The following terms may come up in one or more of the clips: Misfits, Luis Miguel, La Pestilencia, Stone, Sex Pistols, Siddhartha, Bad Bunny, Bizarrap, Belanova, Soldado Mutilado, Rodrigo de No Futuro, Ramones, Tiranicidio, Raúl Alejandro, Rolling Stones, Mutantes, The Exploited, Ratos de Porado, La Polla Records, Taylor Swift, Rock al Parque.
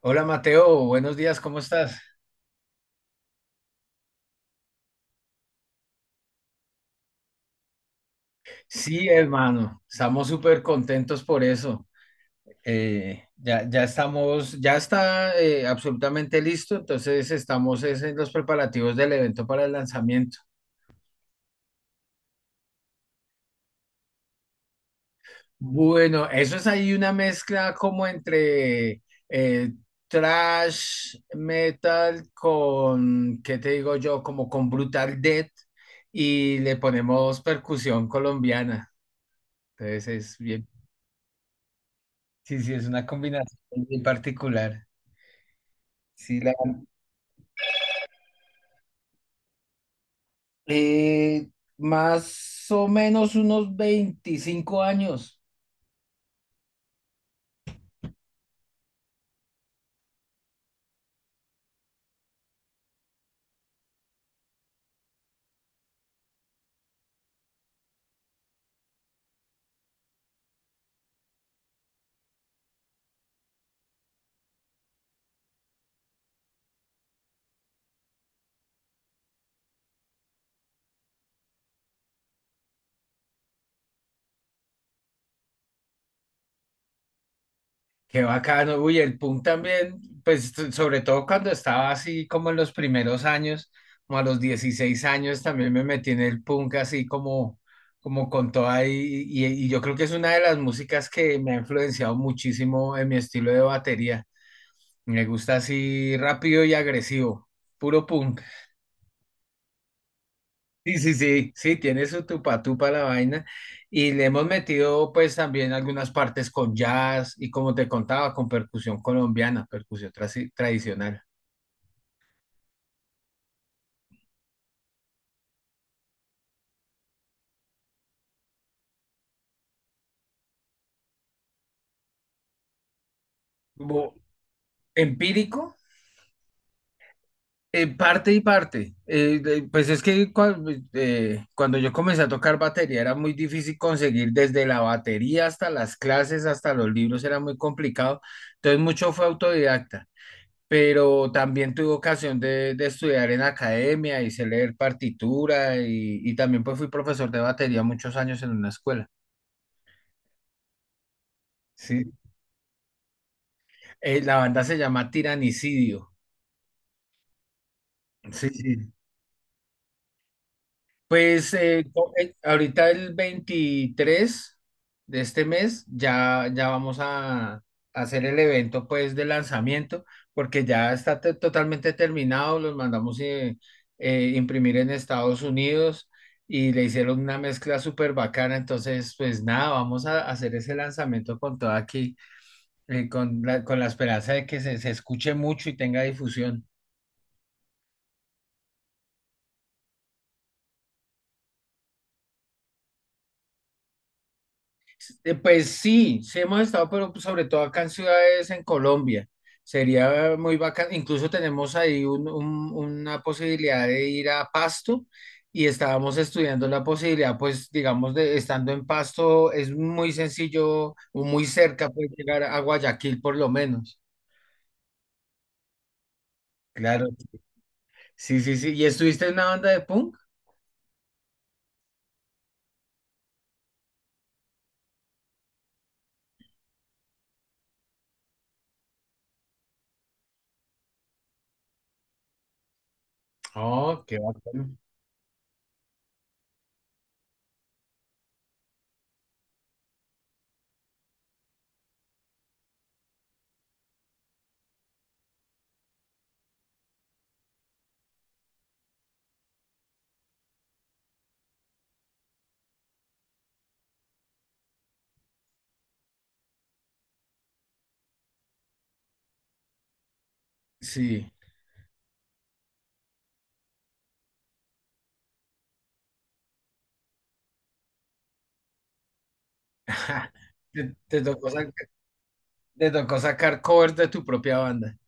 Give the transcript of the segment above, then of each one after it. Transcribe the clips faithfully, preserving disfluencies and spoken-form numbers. Hola Mateo, buenos días, ¿cómo estás? Sí, hermano, estamos súper contentos por eso. Eh, ya, ya estamos, ya está eh, absolutamente listo, entonces estamos es en los preparativos del evento para el lanzamiento. Bueno, eso es ahí una mezcla como entre eh, thrash metal con, ¿qué te digo yo? Como con Brutal Death y le ponemos percusión colombiana, entonces es bien. Sí, sí, es una combinación bien particular. Sí, la... Eh, Más o menos unos veinticinco años. Qué bacano. Uy, el punk también, pues t- sobre todo cuando estaba así como en los primeros años, como a los dieciséis años también me metí en el punk así como, como con toda y, y, y yo creo que es una de las músicas que me ha influenciado muchísimo en mi estilo de batería. Me gusta así rápido y agresivo, puro punk. Sí, sí, sí, sí, tiene su tupa tupa la vaina y le hemos metido pues también algunas partes con jazz y como te contaba, con percusión colombiana, percusión trasi- tradicional. Como empírico, eh, parte y parte. Eh, de- pues es que cua- eh, cuando yo comencé a tocar batería era muy difícil conseguir desde la batería hasta las clases, hasta los libros, era muy complicado. Entonces mucho fue autodidacta, pero también tuve ocasión de, de estudiar en academia, hice leer partitura y, y también pues fui profesor de batería muchos años en una escuela. Sí, Eh, la banda se llama Tiranicidio. Sí, sí. Pues eh, co- eh, ahorita el veintitrés de este mes ya, ya vamos a, a hacer el evento pues de lanzamiento porque ya está te- totalmente terminado, los mandamos eh, eh, imprimir en Estados Unidos y le hicieron una mezcla súper bacana, entonces pues nada, vamos a hacer ese lanzamiento con todo aquí, eh, con la, con la esperanza de que se, se escuche mucho y tenga difusión. Eh, Pues sí, sí hemos estado, pero pues, sobre todo acá en ciudades en Colombia. Sería muy bacán. Incluso tenemos ahí un- un- una posibilidad de ir a Pasto y estábamos estudiando la posibilidad, pues digamos, de estando en Pasto es muy sencillo o muy cerca pues llegar a Guayaquil por lo menos. Claro. Sí, sí, sí. ¿Y estuviste en una banda de punk? Oh, qué bacán. Sí. Te, te tocó sacar, te tocó sacar covers de tu propia banda.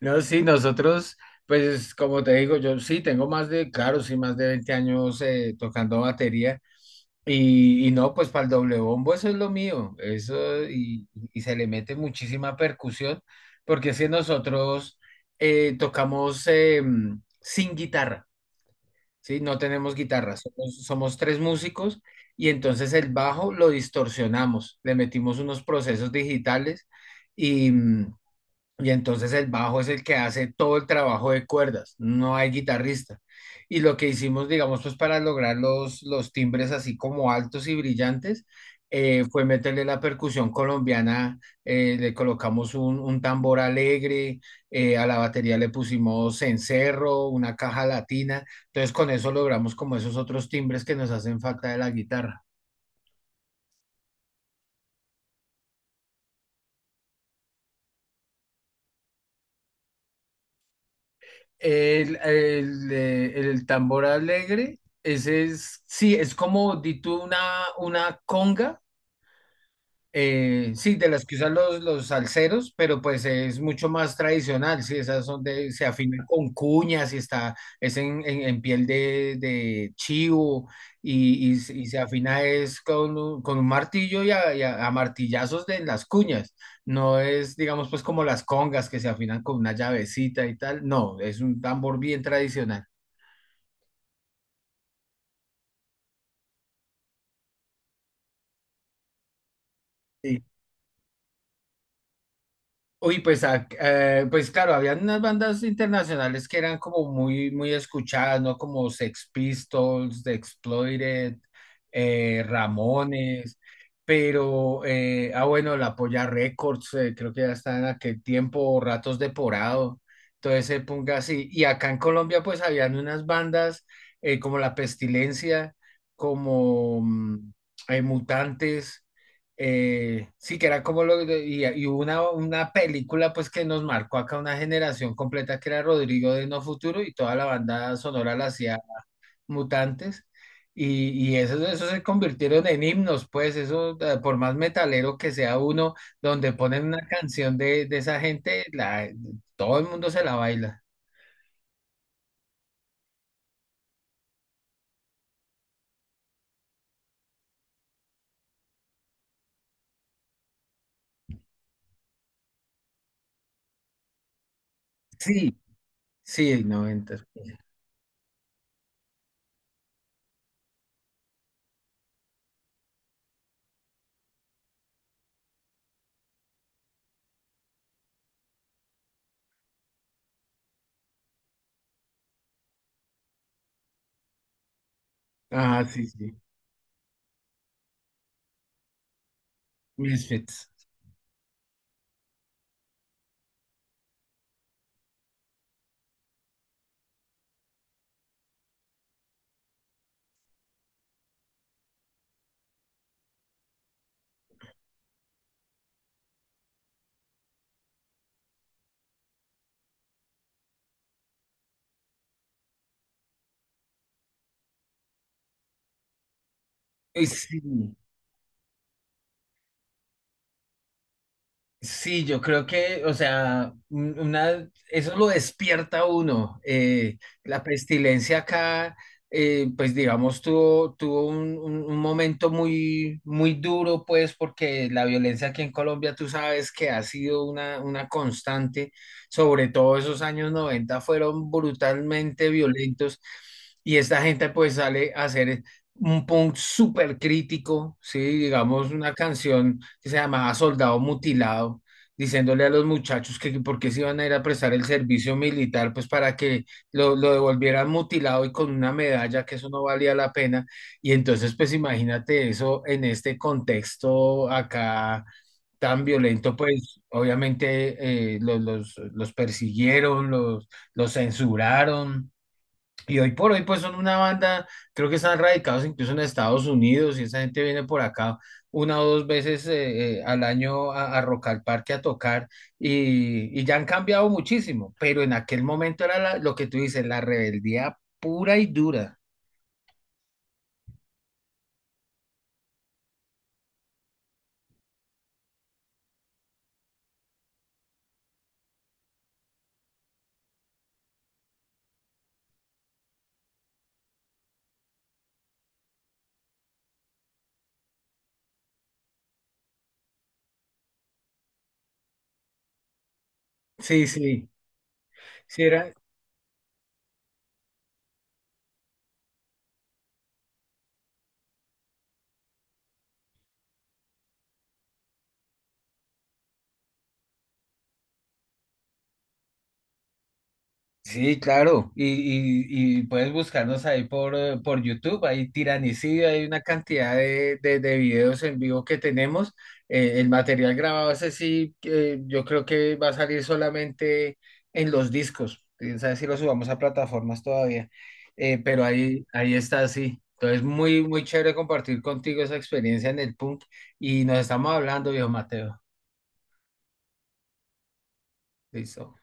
No, sí, nosotros, pues como te digo, yo sí tengo más de, claro, sí, más de veinte años eh, tocando batería y, y no, pues para el doble bombo eso es lo mío, eso y, y se le mete muchísima percusión, porque si nosotros eh, tocamos eh, sin guitarra, ¿sí? No tenemos guitarra, somos, somos tres músicos y entonces el bajo lo distorsionamos, le metimos unos procesos digitales y y entonces el bajo es el que hace todo el trabajo de cuerdas, no hay guitarrista. Y lo que hicimos, digamos, pues para lograr los, los timbres así como altos y brillantes, eh, fue meterle la percusión colombiana, eh, le colocamos un, un tambor alegre, eh, a la batería le pusimos cencerro, una caja latina. Entonces con eso logramos como esos otros timbres que nos hacen falta de la guitarra. El, el, eh, el tambor alegre, ese es, sí, es como, di tú, una, una conga, eh, sí, de las que usan los, los salseros, pero pues es mucho más tradicional, sí, esas son de, se afinan con cuñas y está, es en, en- en piel de, de chivo y, y, se y se afina es con, un- con un martillo y a, y a- a martillazos de las cuñas, no es, digamos, pues como las congas que se afinan con una llavecita y tal, no, es un tambor bien tradicional. Uy, pues, ac- eh, pues claro, habían unas bandas internacionales que eran como muy, muy escuchadas, ¿no? Como Sex Pistols, The Exploited, eh, Ramones, pero, eh, ah, bueno, La Polla Records, eh, creo que ya está en aquel tiempo, Ratos de Porado, todo ese punk así. Y acá en Colombia, pues, habían unas bandas eh, como La Pestilencia, como mm, eh, Mutantes, eh, sí, que era como lo de- y, y hubo una, una película pues que nos marcó acá una generación completa que era Rodrigo de No Futuro y toda la banda sonora la hacía Mutantes y, y esos, esos se convirtieron en himnos pues eso eh, por más metalero que sea uno donde ponen una canción de, de esa gente la, todo el mundo se la baila. Sí, sí, noventas. Ah, sí, sí. Misfits. Uy, sí. Sí, yo creo que, o sea, un- una, eso lo despierta a uno. Eh, La pestilencia acá, eh, pues digamos, tuvo, tuvo un, un- un momento muy, muy duro, pues, porque la violencia aquí en Colombia, tú sabes que ha sido una, una constante, sobre todo esos años noventa fueron brutalmente violentos y esta gente pues sale a hacer un punk súper crítico, ¿sí? Digamos, una canción que se llamaba Soldado Mutilado, diciéndole a los muchachos que por qué se iban a ir a prestar el servicio militar, pues para que lo, lo devolvieran mutilado y con una medalla, que eso no valía la pena. Y entonces, pues imagínate eso en este contexto acá tan violento, pues obviamente eh, los, los, los persiguieron, los, los censuraron. Y hoy por hoy, pues son una banda, creo que están radicados incluso en Estados Unidos y esa gente viene por acá una o dos veces eh, eh, al año a, a Rock al Parque a tocar y, y ya han cambiado muchísimo, pero en aquel momento era la- lo que tú dices, la rebeldía pura y dura. Sí, sí, sí, era, Sí, claro. Y, y, y puedes buscarnos ahí por, eh, por YouTube. Hay tiranicidio, hay una cantidad de, de, de videos en vivo que tenemos. Eh, el material grabado, ese sí, eh, yo creo que va a salir solamente en los discos. Quién sabe si lo subamos a plataformas todavía. Eh, pero ahí, ahí está, sí. Entonces, muy, muy chévere compartir contigo esa experiencia en el punk. Y nos estamos hablando, viejo Mateo. Listo.